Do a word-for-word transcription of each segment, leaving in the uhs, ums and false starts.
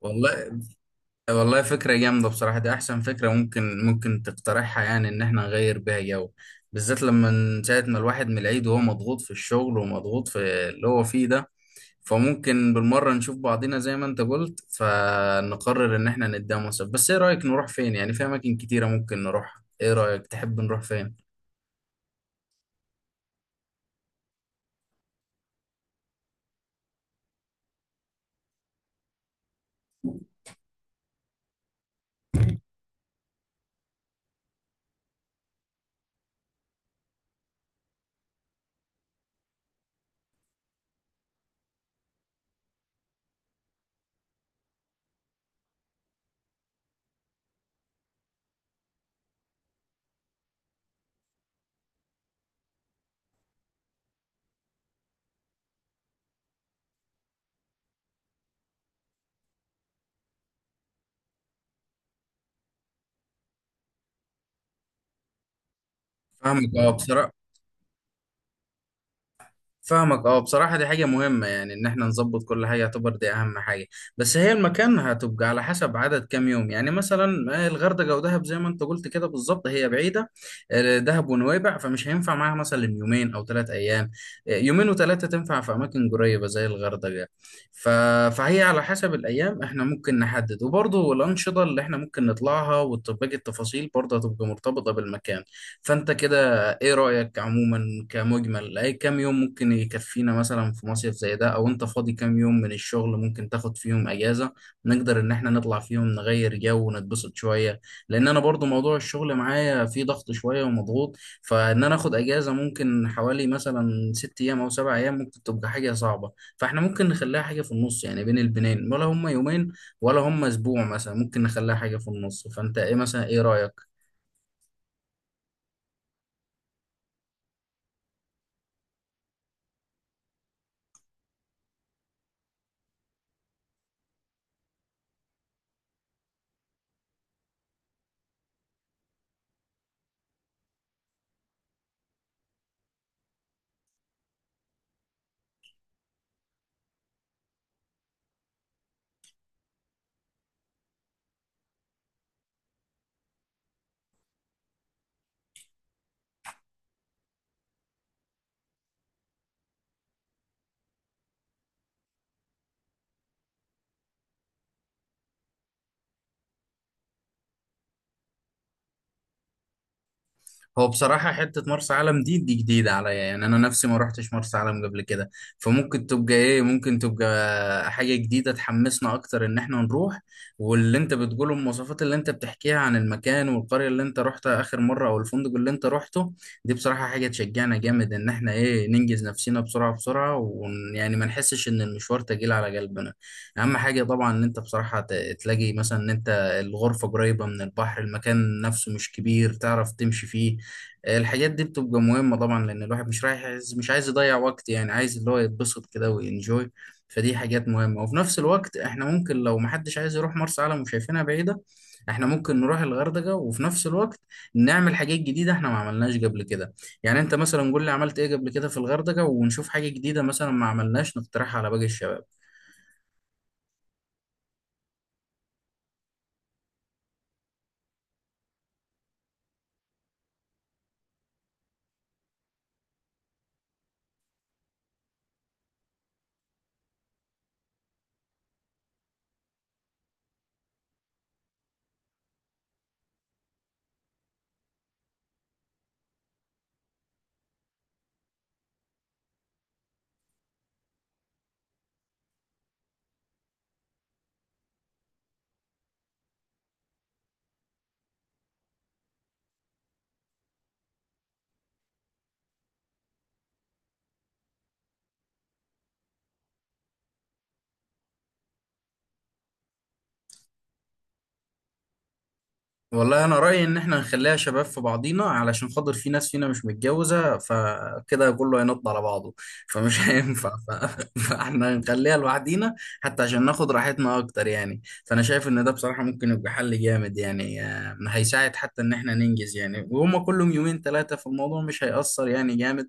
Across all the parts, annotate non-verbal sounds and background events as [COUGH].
والله والله فكرة جامدة بصراحة. دي أحسن فكرة ممكن ممكن تقترحها، يعني إن إحنا نغير بيها جو، بالذات لما من ساعة ما الواحد من العيد وهو مضغوط في الشغل ومضغوط في اللي هو فيه ده. فممكن بالمرة نشوف بعضينا زي ما أنت قلت، فنقرر إن إحنا نتداوم سوا. بس إيه رأيك نروح فين؟ يعني في أماكن كتيرة ممكن نروح، إيه رأيك تحب نروح فين؟ فاهمك أه بصراحة. فاهمك اه بصراحة، دي حاجة مهمة يعني ان احنا نظبط كل حاجة، يعتبر دي اهم حاجة. بس هي المكان هتبقى على حسب عدد كام يوم. يعني مثلا آه، الغردقة ودهب زي ما انت قلت كده بالظبط هي بعيدة. آه، دهب ونويبع فمش هينفع معاها مثلا يومين او ثلاث ايام. آه، يومين وثلاثة تنفع في اماكن قريبة زي الغردقة. ف... فهي على حسب الايام احنا ممكن نحدد، وبرضه الانشطة اللي احنا ممكن نطلعها وباقي التفاصيل برضه هتبقى مرتبطة بالمكان. فانت كده، ايه رأيك عموما كمجمل، اي كام يوم ممكن يكفينا مثلا في مصيف زي ده؟ او انت فاضي كام يوم من الشغل ممكن تاخد فيهم اجازة نقدر ان احنا نطلع فيهم نغير جو ونتبسط شوية؟ لان انا برضو موضوع الشغل معايا فيه ضغط شوية ومضغوط. فان انا اخد اجازة ممكن حوالي مثلا ست ايام او سبع ايام ممكن تبقى حاجة صعبة، فاحنا ممكن نخليها حاجة في النص، يعني بين البنين، ولا هم يومين، ولا هم اسبوع مثلا ممكن نخليها حاجة في النص. فانت ايه مثلا، ايه رأيك؟ هو بصراحة حتة مرسى علم دي دي جديدة عليا، يعني أنا نفسي ما روحتش مرسى علم قبل كده. فممكن تبقى إيه، ممكن تبقى حاجة جديدة تحمسنا أكتر إن إحنا نروح. واللي أنت بتقوله، المواصفات اللي أنت بتحكيها عن المكان والقرية اللي أنت روحتها آخر مرة أو الفندق اللي أنت روحته، دي بصراحة حاجة تشجعنا جامد إن إحنا إيه ننجز نفسنا بسرعة بسرعة، ويعني ما نحسش إن المشوار تقيل على قلبنا. أهم حاجة طبعا إن أنت بصراحة ت- تلاقي مثلا إن أنت الغرفة قريبة من البحر، المكان نفسه مش كبير تعرف تمشي فيه. الحاجات دي بتبقى مهمة طبعا، لأن الواحد مش رايح عايز، مش عايز يضيع وقت، يعني عايز اللي هو يتبسط كده وينجوي. فدي حاجات مهمة، وفي نفس الوقت احنا ممكن لو محدش عايز يروح مرسى علم وشايفينها بعيدة، احنا ممكن نروح الغردقة، وفي نفس الوقت نعمل حاجات جديدة احنا ما عملناش قبل كده. يعني انت مثلا قول لي عملت ايه قبل كده في الغردقة ونشوف حاجة جديدة مثلا ما عملناش نقترحها على باقي الشباب. والله انا رايي ان احنا نخليها شباب في بعضينا، علشان خاطر في ناس فينا مش متجوزه، فكده كله هينط على بعضه. فمش [LAUGHS] هينفع ف... فاحنا نخليها لوحدينا، حتى عشان ناخد راحتنا اكتر. يعني فانا شايف ان ده بصراحه ممكن يبقى حل جامد، يعني آه، هيساعد حتى ان احنا ننجز، يعني وهما كلهم يومين ثلاثه فالموضوع مش هيأثر يعني جامد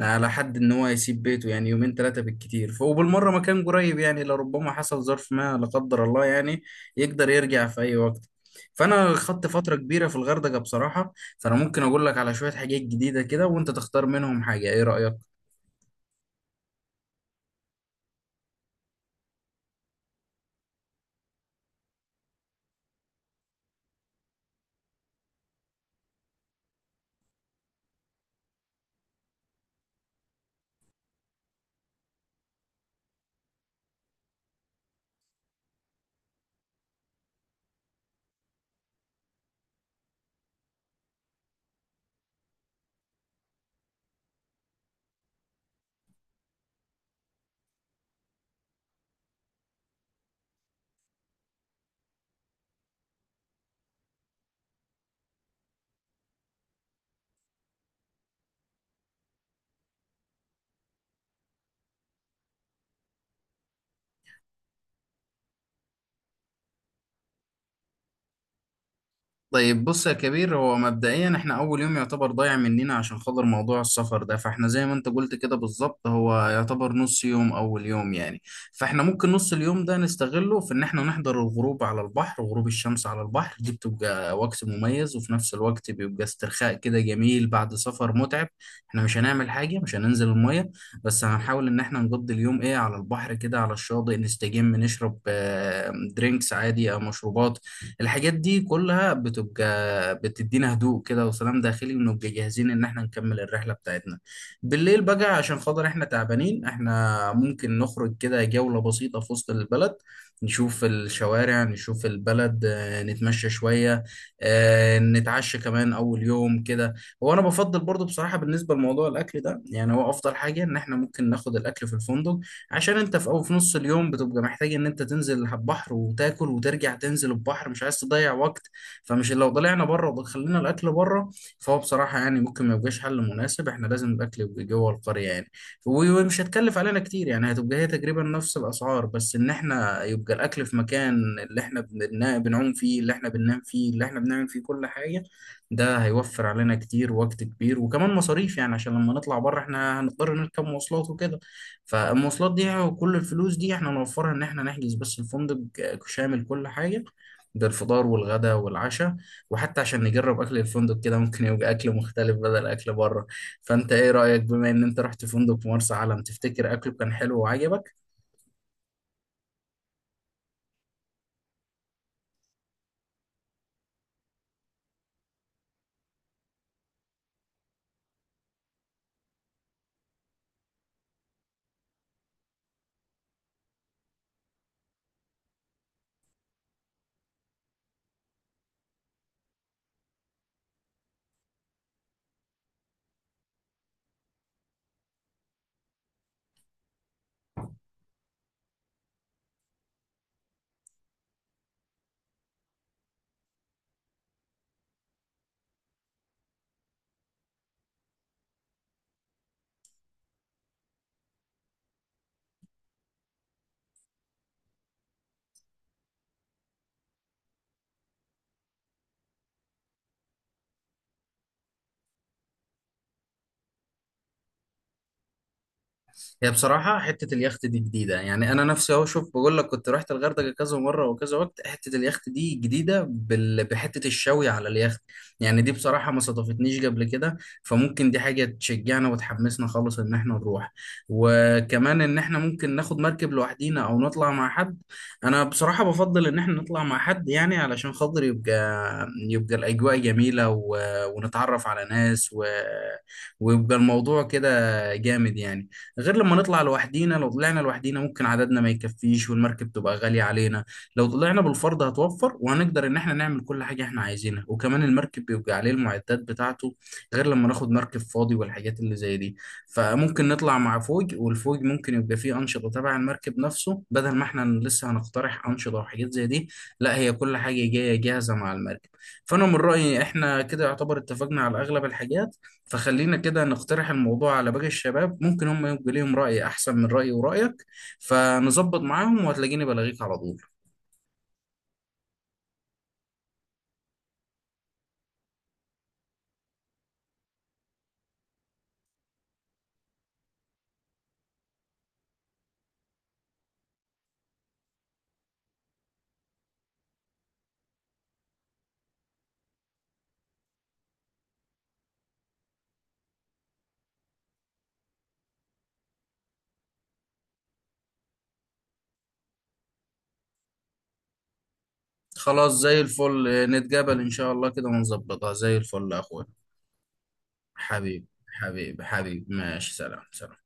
على حد ان هو يسيب بيته، يعني يومين ثلاثه بالكتير. ف- وبالمره مكان قريب، يعني لربما حصل ظرف، ما لا قدر الله، يعني يقدر يرجع في اي وقت. فانا خدت فتره كبيره في الغردقه بصراحه، فانا ممكن اقول لك على شويه حاجات جديده كده وانت تختار منهم حاجه. ايه رايك؟ طيب بص يا كبير، هو مبدئيا احنا اول يوم يعتبر ضايع مننا عشان خاطر موضوع السفر ده، فاحنا زي ما انت قلت كده بالظبط هو يعتبر نص يوم اول يوم يعني. فاحنا ممكن نص اليوم ده نستغله في ان احنا نحضر الغروب على البحر، وغروب الشمس على البحر دي بتبقى وقت مميز، وفي نفس الوقت بيبقى استرخاء كده جميل بعد سفر متعب. احنا مش هنعمل حاجة، مش هننزل المية، بس هنحاول ان احنا نقضي اليوم ايه على البحر كده، على الشاطئ، نستجم، نشرب آه، درينكس عادي او مشروبات. الحاجات دي كلها بتبقى بتدينا هدوء كده وسلام داخلي، ونبقى جاهزين ان احنا نكمل الرحلة بتاعتنا. بالليل بقى عشان خاطر احنا تعبانين، احنا ممكن نخرج كده جولة بسيطة في وسط البلد، نشوف الشوارع، نشوف البلد، آه، نتمشى شوية، آه، نتعشى كمان أول يوم كده. هو أنا بفضل برضو بصراحة بالنسبة لموضوع الأكل ده، يعني هو أفضل حاجة إن إحنا ممكن ناخد الأكل في الفندق، عشان انت في او في نص اليوم بتبقى محتاج ان انت تنزل على البحر وتاكل وترجع تنزل البحر، مش عايز تضيع وقت. فمش لو طلعنا بره ودخلنا الاكل بره، فهو بصراحه يعني ممكن ما يبقاش حل مناسب. احنا لازم الاكل يبقى جوه القريه يعني، و- ومش هتكلف علينا كتير، يعني هتبقى هي تقريبا نفس الاسعار، بس ان احنا يبقى الاكل في مكان اللي احنا بن- بنعوم فيه، اللي احنا بننام فيه، اللي احنا بنعمل فيه كل حاجه. ده هيوفر علينا كتير وقت كبير وكمان مصاريف، يعني عشان لما نطلع بره احنا هنضطر نركب مواصلات وكده. فالمواصلات دي وكل الفلوس دي احنا نوفرها ان احنا نحجز بس الفندق ك- شامل كل حاجة، بالفطار والغداء والعشاء. وحتى عشان نجرب اكل الفندق كده ممكن يبقى اكل مختلف بدل اكل بره. فانت ايه رأيك، بما ان انت رحت فندق في مرسى علم، تفتكر اكله كان حلو وعجبك؟ هي بصراحة حتة اليخت دي جديدة، يعني أنا نفسي أهو. شوف بقول لك، كنت رحت الغردقة كذا مرة وكذا وقت، حتة اليخت دي جديدة بال... بحتة الشوي على اليخت، يعني دي بصراحة ما صادفتنيش قبل كده. فممكن دي حاجة تشجعنا وتحمسنا خالص إن إحنا نروح. وكمان إن إحنا ممكن ناخد مركب لوحدينا أو نطلع مع حد. أنا بصراحة بفضل إن إحنا نطلع مع حد، يعني علشان خاطر يبقى يبقى الأجواء جميلة، و... ونتعرف على ناس، و... ويبقى الموضوع كده جامد يعني. غير لما نطلع لوحدينا، لو طلعنا لوحدينا ممكن عددنا ما يكفيش والمركب تبقى غالية علينا. لو طلعنا بالفرد هتوفر وهنقدر ان احنا نعمل كل حاجة احنا عايزينها، وكمان المركب بيبقى عليه المعدات بتاعته، غير لما ناخد مركب فاضي والحاجات اللي زي دي. فممكن نطلع مع فوج، والفوج ممكن يبقى فيه أنشطة تبع المركب نفسه بدل ما احنا لسه هنقترح أنشطة وحاجات زي دي. لا، هي كل حاجة جاية جاهزة مع المركب. فأنا من رأيي احنا كده يعتبر اتفقنا على أغلب الحاجات، فخلينا كده نقترح الموضوع على باقي الشباب، ممكن هم يبقى ليهم رأي أحسن من رأيي ورأيك، فنظبط معاهم وهتلاقيني بلاغيك على طول. خلاص زي الفل، آه، نتقابل إن شاء الله كده ونظبطها زي الفل يا أخويا. حبيبي حبيبي حبيبي، ماشي، سلام سلام.